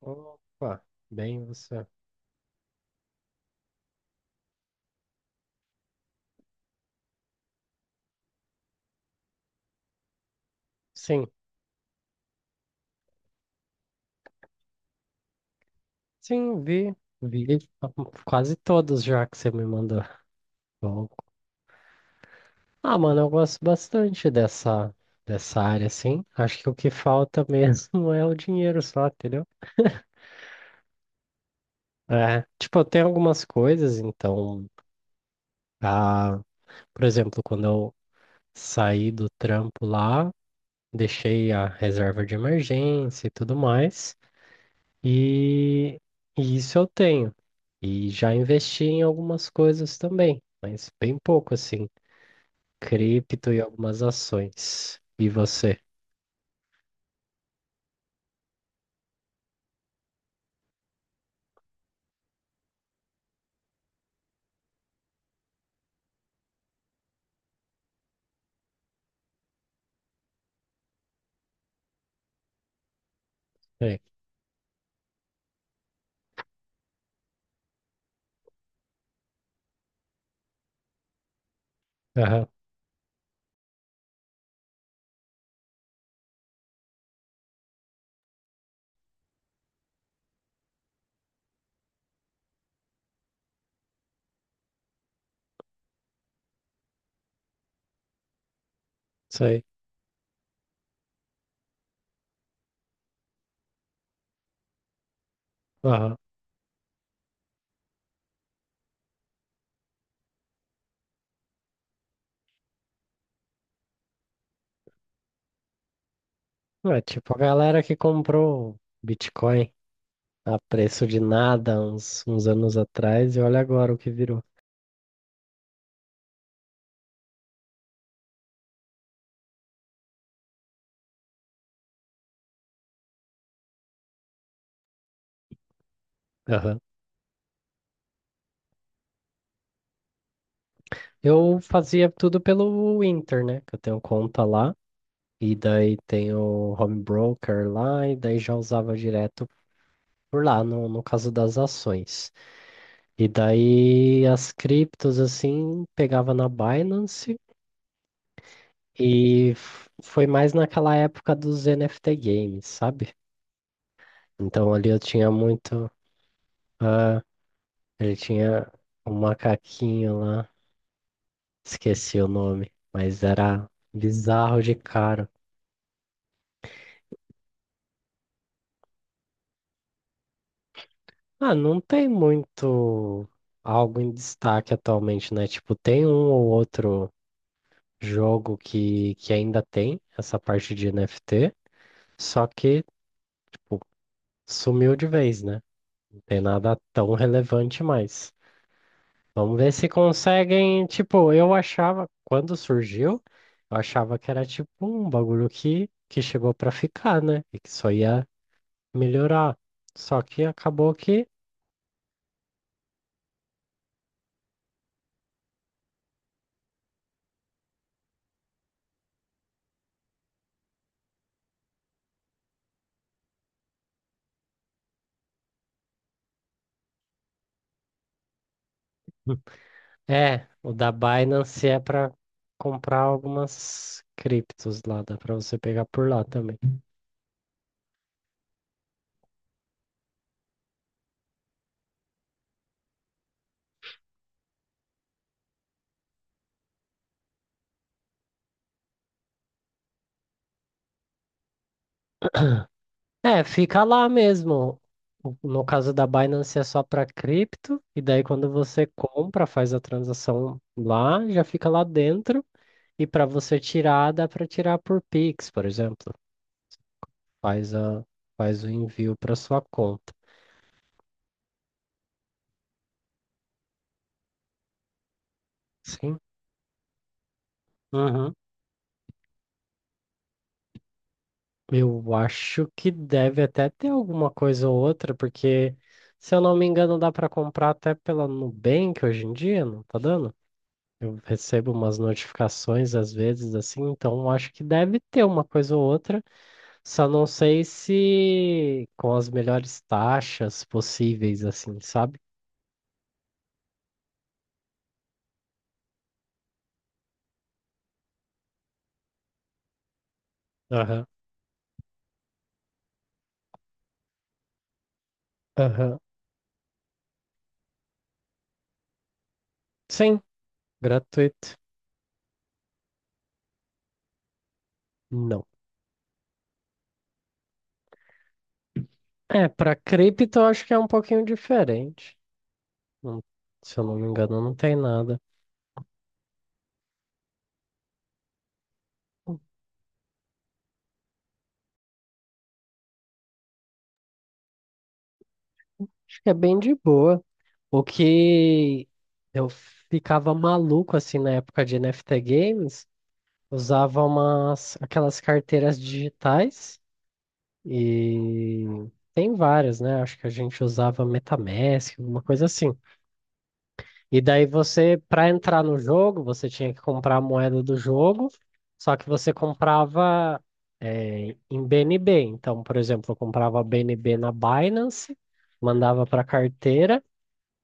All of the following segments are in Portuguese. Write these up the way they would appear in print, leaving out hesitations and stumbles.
Opa, bem você. Sim, sim, vi quase todos já que você me mandou. Bom. Ah, mano, eu gosto bastante dessa área, assim. Acho que o que falta mesmo é o dinheiro só, entendeu? É, tipo, eu tenho algumas coisas, então, ah, por exemplo, quando eu saí do trampo lá, deixei a reserva de emergência e tudo mais. E, e isso eu tenho. E já investi em algumas coisas também, mas bem pouco assim, cripto e algumas ações. E você? É, aham, isso aí. Aham. É, tipo a galera que comprou Bitcoin a preço de nada uns anos atrás e olha agora o que virou. Aham. Eu fazia tudo pelo Inter, né? Que eu tenho conta lá. E daí tem o home broker lá, e daí já usava direto por lá, no caso das ações. E daí as criptos, assim, pegava na Binance e foi mais naquela época dos NFT games, sabe? Então ali eu tinha muito. Ah, ele tinha um macaquinho lá, esqueci o nome, mas era bizarro de caro. Ah, não tem muito algo em destaque atualmente, né? Tipo, tem um ou outro jogo que ainda tem essa parte de NFT. Só que, pô, sumiu de vez, né? Não tem nada tão relevante mais. Vamos ver se conseguem. Tipo, eu achava, quando surgiu, eu achava que era tipo um bagulho que chegou pra ficar, né? E que só ia melhorar. Só que acabou que. É, o da Binance é pra comprar algumas criptos lá, dá pra você pegar por lá também. É, fica lá mesmo. No caso da Binance é só para cripto, e daí quando você compra, faz a transação lá, já fica lá dentro, e para você tirar, dá para tirar por Pix, por exemplo. Faz a, faz o envio para sua conta. Sim. Uhum. Eu acho que deve até ter alguma coisa ou outra, porque se eu não me engano, dá para comprar até pela Nubank hoje em dia, não tá dando? Eu recebo umas notificações às vezes assim, então acho que deve ter uma coisa ou outra, só não sei se com as melhores taxas possíveis, assim, sabe? Aham, aham. Sim, gratuito. Não. É, para cripto eu acho que é um pouquinho diferente. Não, se eu não me engano, não tem nada. Acho que é bem de boa. O que eu ficava maluco assim na época de NFT Games. Usava umas, aquelas carteiras digitais e tem várias, né? Acho que a gente usava MetaMask, alguma coisa assim. E daí você, para entrar no jogo, você tinha que comprar a moeda do jogo, só que você comprava em BNB. Então, por exemplo, eu comprava BNB na Binance, mandava para a carteira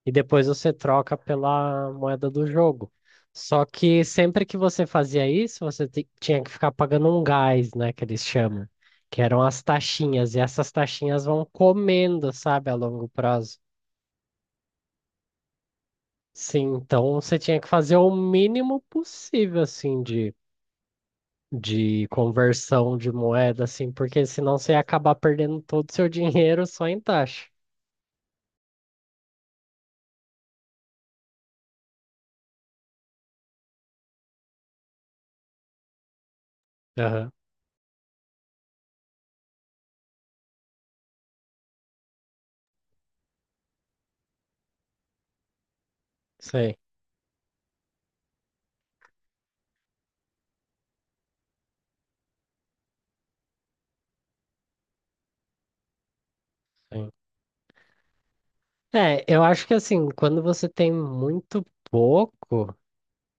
e depois você troca pela moeda do jogo. Só que sempre que você fazia isso, você tinha que ficar pagando um gás, né, que eles chamam, que eram as taxinhas, e essas taxinhas vão comendo, sabe, a longo prazo. Sim, então você tinha que fazer o mínimo possível, assim, de conversão de moeda, assim, porque senão você ia acabar perdendo todo o seu dinheiro só em taxa. Aham, sei. Sim. É, eu acho que assim, quando você tem muito pouco,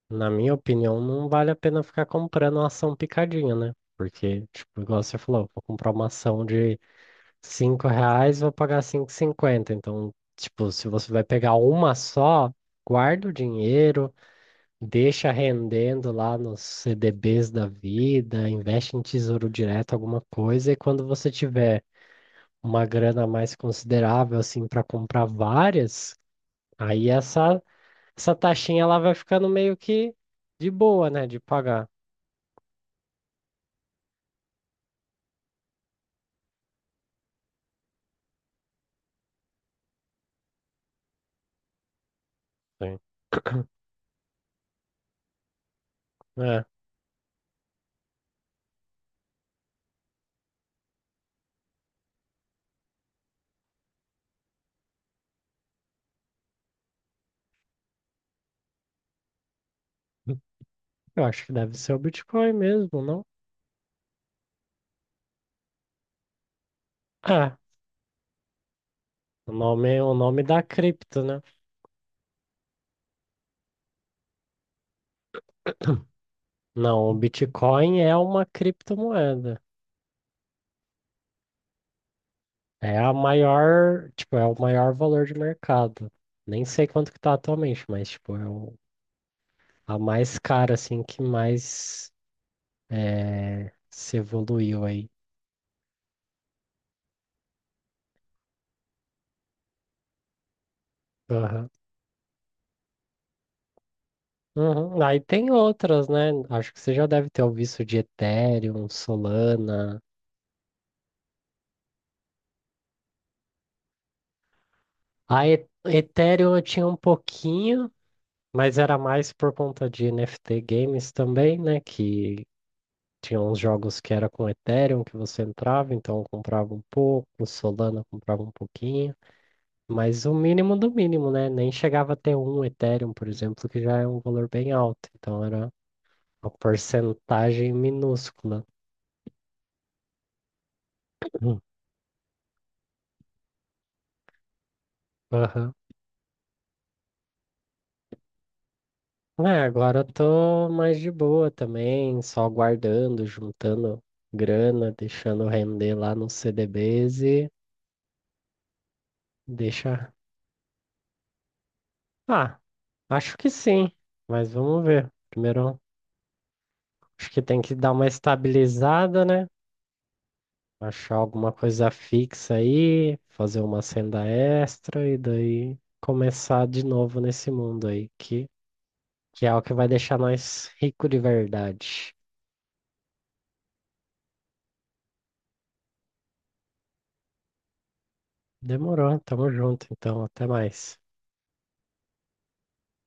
na minha opinião, não vale a pena ficar comprando uma ação picadinha, né? Porque, tipo, igual você falou, vou comprar uma ação de 5 reais, vou pagar 5,50. Então, tipo, se você vai pegar uma só, guarda o dinheiro, deixa rendendo lá nos CDBs da vida, investe em tesouro direto, alguma coisa, e quando você tiver uma grana mais considerável, assim, para comprar várias, aí essa taxinha ela vai ficando meio que de boa, né, de pagar. Sim. É. Eu acho que deve ser o Bitcoin mesmo, não? É, o nome da cripto, né? Não, o Bitcoin é uma criptomoeda. É a maior, tipo, é o maior valor de mercado. Nem sei quanto que tá atualmente, mas, tipo, é o a mais cara, assim, que mais é, se evoluiu aí. Aham. Uhum. Aí tem outras, né? Acho que você já deve ter ouvido isso de Ethereum, Solana. A Ethereum eu tinha um pouquinho. Mas era mais por conta de NFT games também, né? Que tinha uns jogos que era com Ethereum que você entrava, então eu comprava um pouco, Solana comprava um pouquinho, mas o mínimo do mínimo, né? Nem chegava a ter um Ethereum, por exemplo, que já é um valor bem alto, então era uma porcentagem minúscula. Hum. Aham. É, agora eu tô mais de boa também, só guardando, juntando grana, deixando render lá nos CDBs e deixa. Ah, acho que sim, mas vamos ver. Primeiro, acho que tem que dar uma estabilizada, né? Achar alguma coisa fixa aí, fazer uma senda extra e daí começar de novo nesse mundo aí, que é o que vai deixar nós rico de verdade. Demorou, tamo junto, então, até mais.